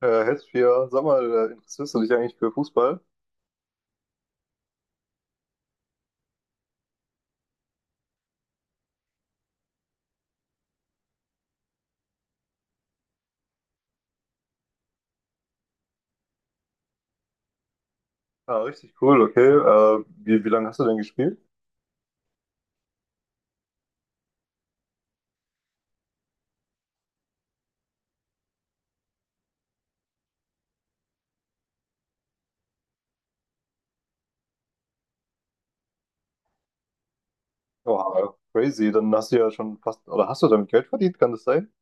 Hestia, sag mal, interessierst du dich eigentlich für Fußball? Ah, richtig cool, okay. Wie lange hast du denn gespielt? Wow, crazy. Dann hast du ja schon fast, oder hast du damit Geld verdient, kann das sein?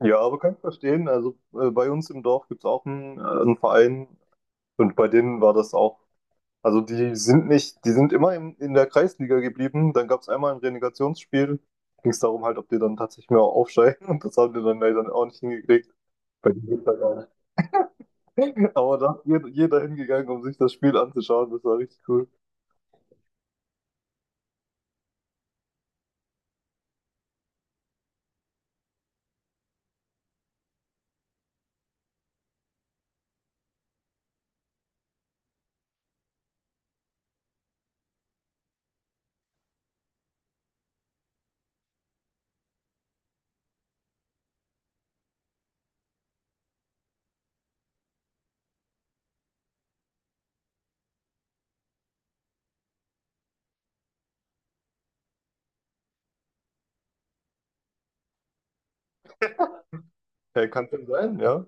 Ja, aber kann ich verstehen. Also bei uns im Dorf gibt es auch einen, einen Verein und bei denen war das auch. Also die sind nicht, die sind immer in der Kreisliga geblieben. Dann gab es einmal ein Relegationsspiel. Ging es darum halt, ob die dann tatsächlich mehr aufsteigen. Und das haben die dann leider auch nicht hingekriegt. Bei denen geht's halt auch… Aber da ist jeder hingegangen, um sich das Spiel anzuschauen. Das war richtig cool. Kann schon sein, ja.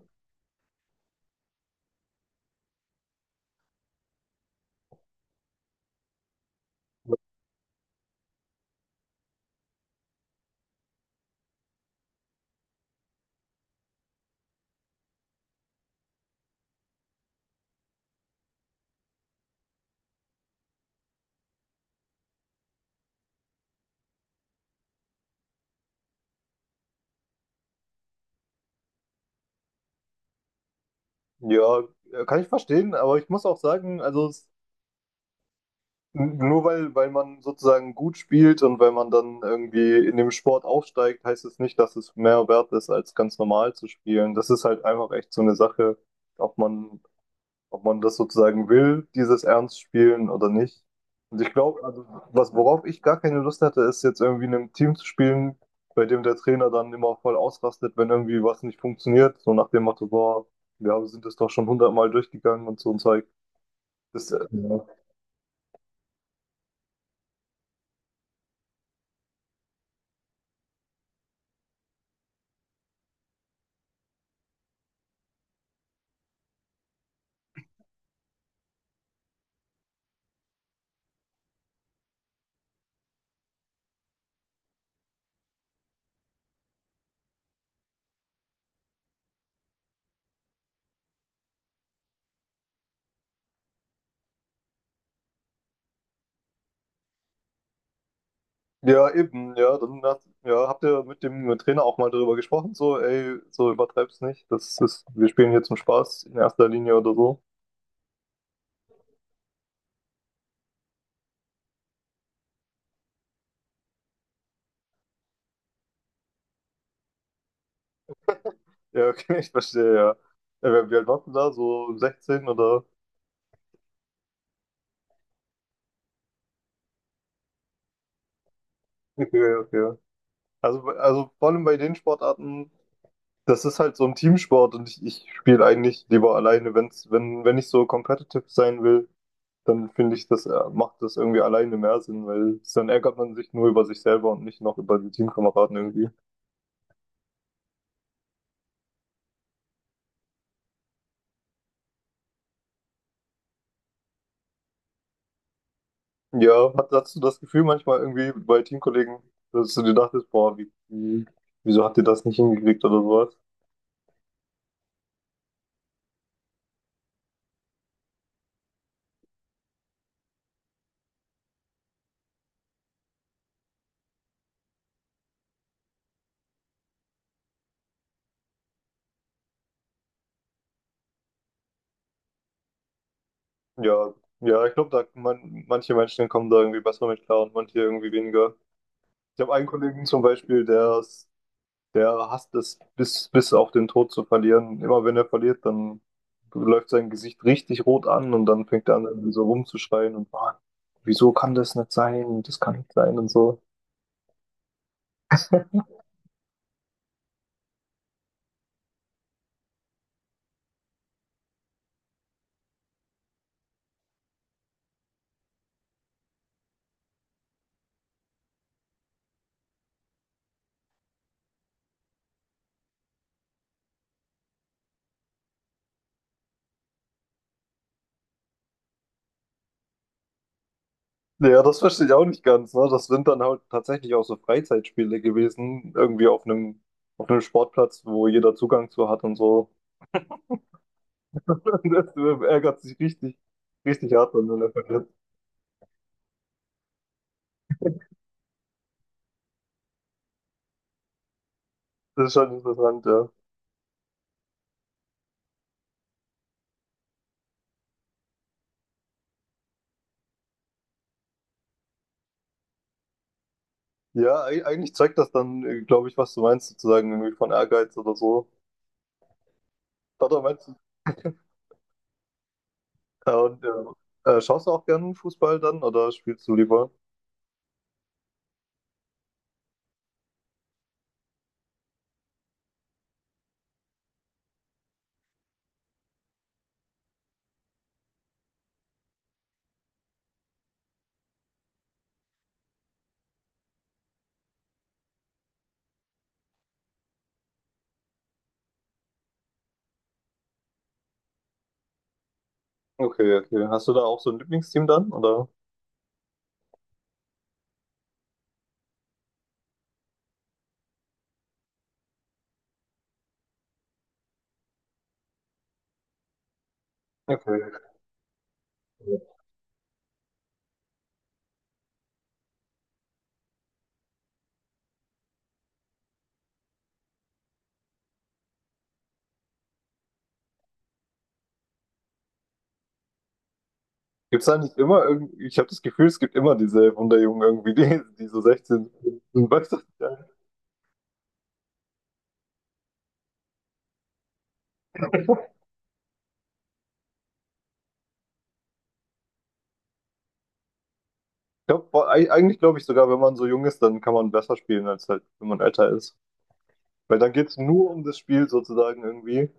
Ja, kann ich verstehen, aber ich muss auch sagen, also nur weil man sozusagen gut spielt und weil man dann irgendwie in dem Sport aufsteigt, heißt es nicht, dass es mehr wert ist, als ganz normal zu spielen. Das ist halt einfach echt so eine Sache, ob man ob man das sozusagen will, dieses Ernst spielen oder nicht. Und ich glaube, also worauf ich gar keine Lust hatte, ist jetzt irgendwie in einem Team zu spielen, bei dem der Trainer dann immer voll ausrastet, wenn irgendwie was nicht funktioniert. So nach dem Motto, boah, ja, wir sind das doch schon hundertmal durchgegangen und so ein Zeug. Ja. Ja, eben, ja, ja, habt ihr mit dem Trainer auch mal darüber gesprochen, so, ey, so übertreib's nicht. Das ist, wir spielen hier zum Spaß in erster Linie oder so. Ja, okay, ich verstehe, ja. Wie alt warst du da? So 16 oder? Okay, okay. Also vor allem bei den Sportarten, das ist halt so ein Teamsport und ich spiele eigentlich lieber alleine. Wenn ich so competitive sein will, dann finde ich, das macht das irgendwie alleine mehr Sinn, weil dann ärgert man sich nur über sich selber und nicht noch über die Teamkameraden irgendwie. Ja, hast du das Gefühl manchmal irgendwie bei Teamkollegen, dass du dir dachtest, boah, wieso habt ihr das nicht hingekriegt oder sowas? Ja, ja, ich glaube, manche Menschen kommen da irgendwie besser mit klar und manche irgendwie weniger. Ich habe einen Kollegen zum Beispiel, der hasst es, bis auf den Tod zu verlieren. Immer wenn er verliert, dann läuft sein Gesicht richtig rot an und dann fängt er an, irgendwie so rumzuschreien und "Ah, wieso kann das nicht sein? Das kann nicht sein und so." Ja, das verstehe ich auch nicht ganz, ne? Das sind dann halt tatsächlich auch so Freizeitspiele gewesen, irgendwie auf einem Sportplatz, wo jeder Zugang zu hat und so. Das ärgert sich richtig hart, wenn er verliert. Das ist schon interessant, ja. Ja, eigentlich zeigt das dann, glaube ich, was du meinst, sozusagen irgendwie von Ehrgeiz oder so. Oder meinst du? Äh, und, Schaust du auch gerne Fußball dann oder spielst du lieber? Okay, okay. Hast du da auch so ein Lieblingsteam dann, oder? Okay. Gibt's da nicht immer irgendwie, ich habe das Gefühl, es gibt immer diese Wunderjungen irgendwie, die so sechzehn sind. Weißt du? Ja. Ich glaub, boah, eigentlich glaube ich sogar, wenn man so jung ist, dann kann man besser spielen, als halt, wenn man älter ist. Weil dann geht's nur um das Spiel sozusagen irgendwie.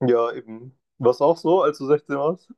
Ja, eben. War's auch so, als du 16 warst?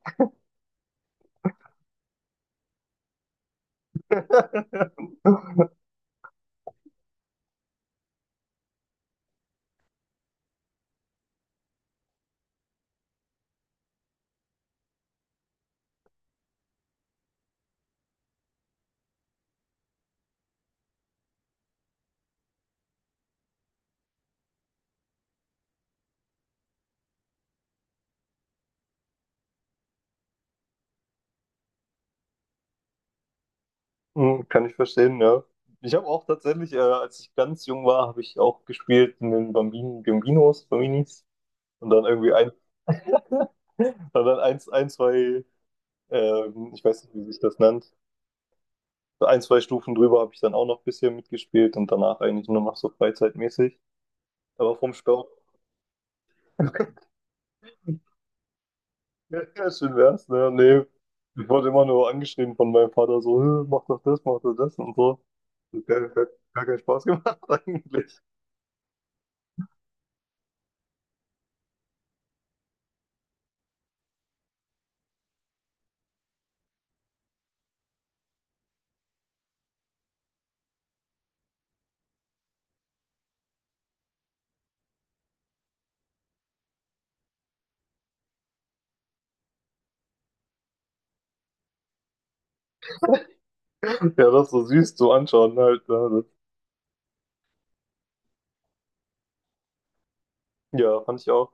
Hm, kann ich verstehen, ja. Ich habe auch tatsächlich, als ich ganz jung war, habe ich auch gespielt in den Bambinos, Bambinis. Und dann irgendwie ein… und dann ein, zwei, ich weiß nicht, wie sich das nennt. So ein, zwei Stufen drüber habe ich dann auch noch ein bisschen mitgespielt und danach eigentlich nur noch so freizeitmäßig. Aber vom Sport. Ja, ja, schön wär's, ne? Nee. Ich wurde immer nur angeschrieben von meinem Vater, so, "Hä, mach doch das und so." Das hat gar, Gar keinen Spaß gemacht eigentlich. Ja, das so süß zu anschauen halt, ne? Das, ja, fand ich auch.